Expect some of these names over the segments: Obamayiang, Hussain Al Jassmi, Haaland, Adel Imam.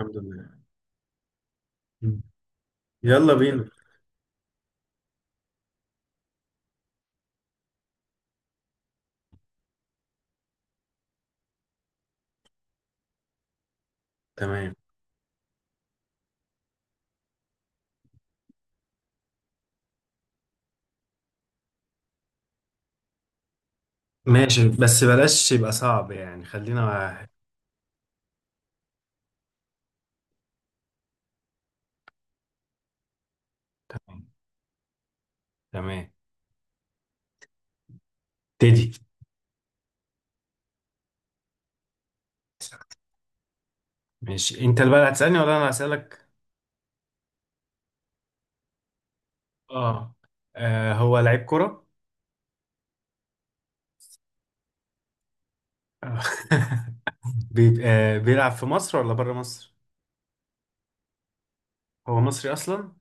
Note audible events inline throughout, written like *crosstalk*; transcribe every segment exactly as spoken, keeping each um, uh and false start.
الحمد لله. مم. يلا بينا. تمام. ماشي، بس بلاش يبقى صعب يعني، خلينا واحد. تمام، تمام. تدي؟ ماشي، انت اللي بقى هتسألني ولا انا هسألك؟ اه. آه، هو لعيب كرة. آه. *laughs* بي... آه بيلعب في مصر ولا بره مصر؟ هو مصري اصلا؟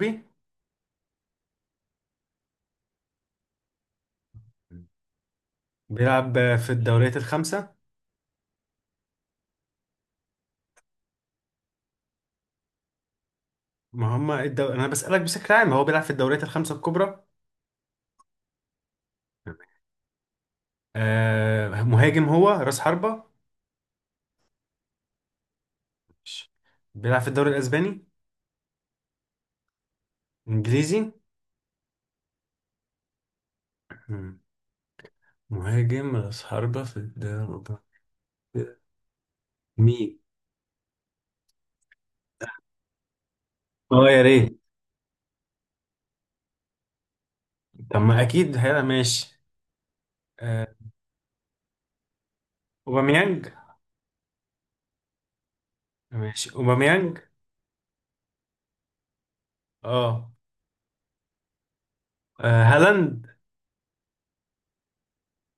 بي بيلعب آه، في الدوريات الخمسة. ما هم الدو... انا بسألك بشكل عام، هو بيلعب في الدوريات الخمسة الكبرى؟ آه، مهاجم هو راس حربة؟ ماشي. بيلعب في الدوري الاسباني؟ انجليزي؟ مم. مهاجم راس حربة في الدوري؟ مين؟ اه يا ريت. طب ما اكيد هيبقى ماشي. آه، اوباميانج؟ ماشي اوباميانج. اه. آه، هالاند؟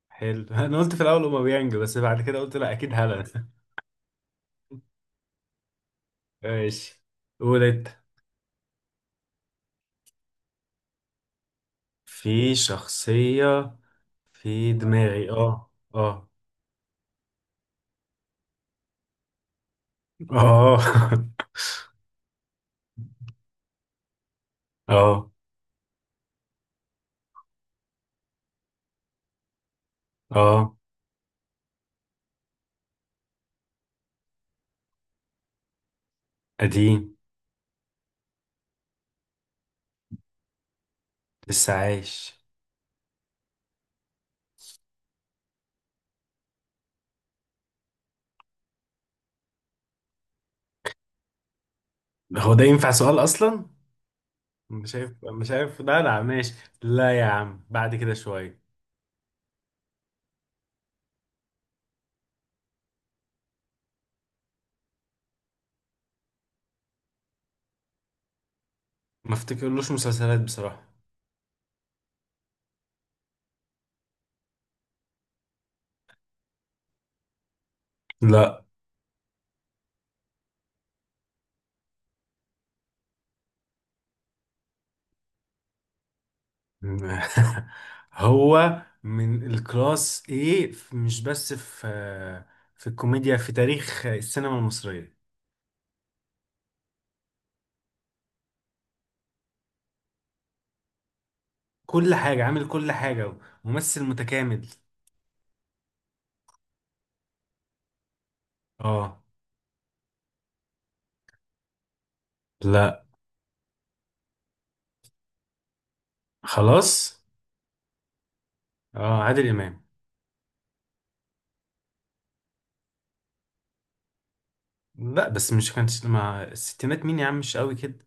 حلو. *laughs* انا قلت في الاول اوباميانج، بس بعد كده قلت لا، اكيد هالاند. *laughs* ماشي، قول انت. في شخصية في دماغي، اه اه. اه. *laughs* اه اه. قديم. لسه عايش. هو ده ينفع سؤال اصلا؟ مش عارف، مش عارف. لا لا، ماشي. لا يا عم، بعد كده شوية. ما افتكرلوش مسلسلات بصراحة. لا. *laughs* هو من الكلاس ايه، مش بس في في الكوميديا، في تاريخ السينما المصرية. كل حاجة، عامل كل حاجة. ممثل متكامل. اه. لا. خلاص. اه، عادل إمام. لا بس مش كانت مع الستينات، مين يا عم، مش قوي كده.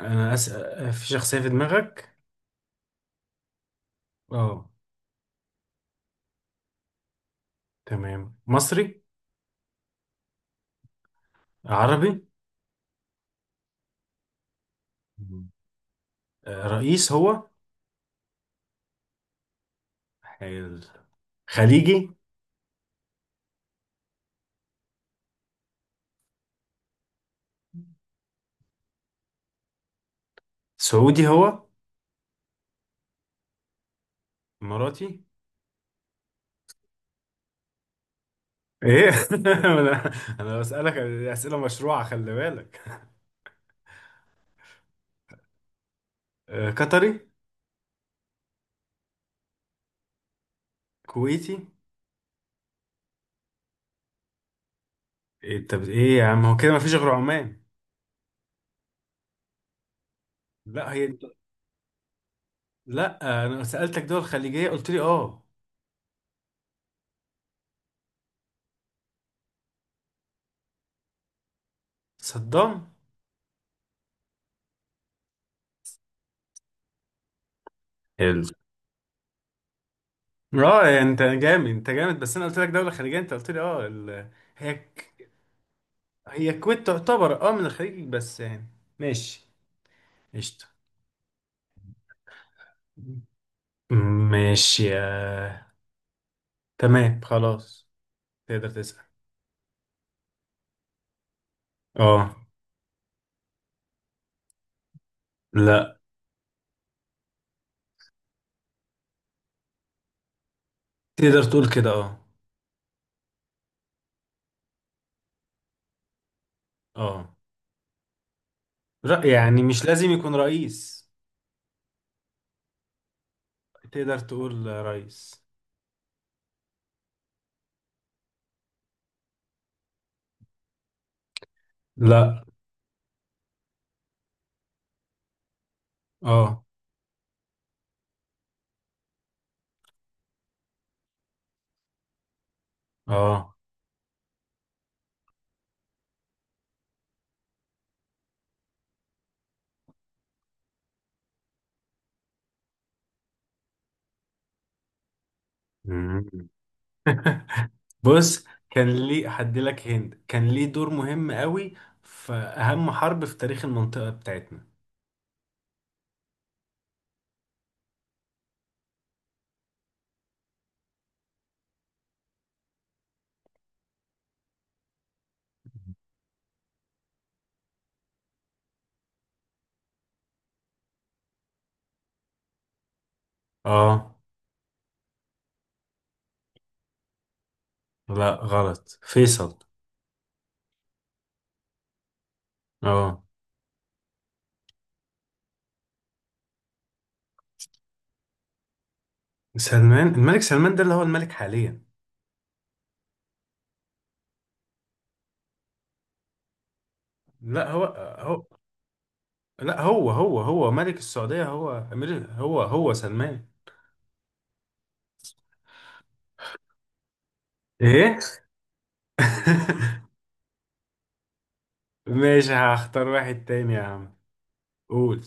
انا اسأل؟ في شخصية في دماغك؟ اه. تمام. مصري؟ عربي؟ مم. آه، رئيس هو؟ حلو. خليجي؟ سعودي هو؟ اماراتي؟ ايه؟ *laughs* انا، انا بسألك اسئله مشروعه، خلي بالك. آه، قطري؟ كويتي؟ إيه، طب ايه يا عم، هو كده مفيش غير عمان. لا، هي. لا، انا سألتك دول خليجيه قلت لي اه. صدام. حلو. اه يعني انت جامد، انت جامد، بس انا قلت لك دوله خليجيه، انت قلت لي اه. ال... هي ك- هي الكويت تعتبر اه من الخليج، بس يعني. ماشي. قشطه. ماشي. آه. تمام خلاص. تقدر تسأل. اه. لا. تقدر تقول كده، اه. اه، رأي يعني مش لازم يكون رئيس. تقدر تقول رئيس. لا. اه. اه. مم. *laughs* بص، كان ليه هديلك هند. كان ليه دور مهم قوي في أهم حرب في تاريخ المنطقة بتاعتنا. اه. لا، غلط، فيصل. اه. سلمان، الملك سلمان ده اللي هو الملك حاليا. لا، هو. هو. لا، هو هو هو ملك السعودية، هو أمير، هو هو سلمان. ايه؟ *laughs* ماشي، هختار واحد تاني يا عم. قول.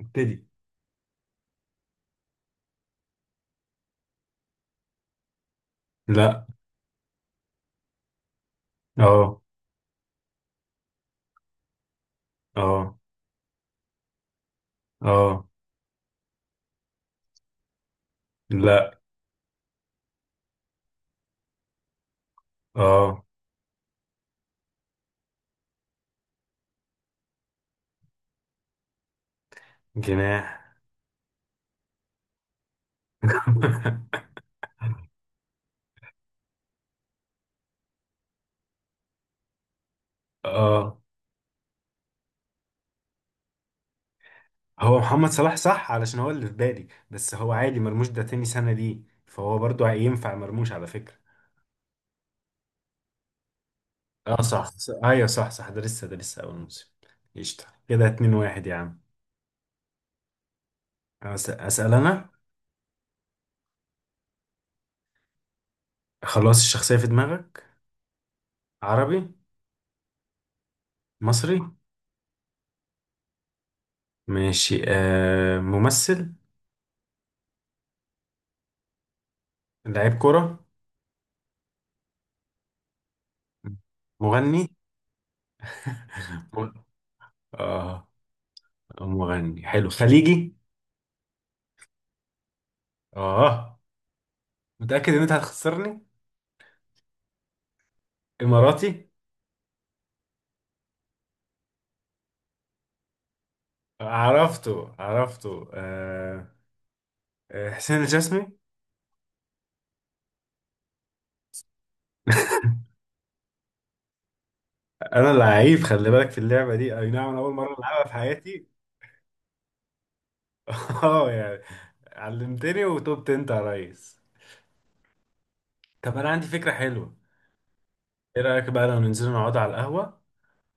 ابتدي. لا. اه. اه. اه. لا. اه. جناح. *laughs* اه، هو محمد صلاح، صح؟ علشان هو اللي في بالي، بس هو عادي مرموش ده تاني سنة ليه، فهو برضو ينفع مرموش على فكرة. اه صح صح. ايوه صح صح، ده لسه ده لسه اول موسم. قشطة كده، اتنين واحد يا عم. أس- اسأل انا. خلاص، الشخصية في دماغك؟ عربي؟ مصري؟ ماشي. آه، ممثل؟ لاعب كرة؟ مغني؟ م- *laughs* اه. مغني، حلو. خليجي؟ اه. متأكد ان انت هتخسرني. اماراتي؟ عرفته، عرفته. آه. آه، حسين الجسمي. انا لعيب خلي بالك في اللعبة دي، اي نعم انا اول مرة العبها في حياتي. *laughs* اه يعني، علمتني وتوبت انت يا ريس. طب انا عندي فكرة حلوة. ايه رأيك بقى لو ننزل نقعد على القهوة،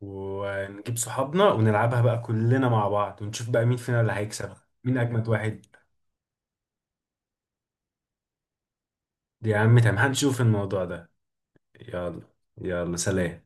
ونجيب صحابنا ونلعبها بقى كلنا مع بعض، ونشوف بقى مين فينا اللي هيكسب، مين أجمد واحد. يا عم تمام، هنشوف الموضوع ده. يلا. يلا، سلام.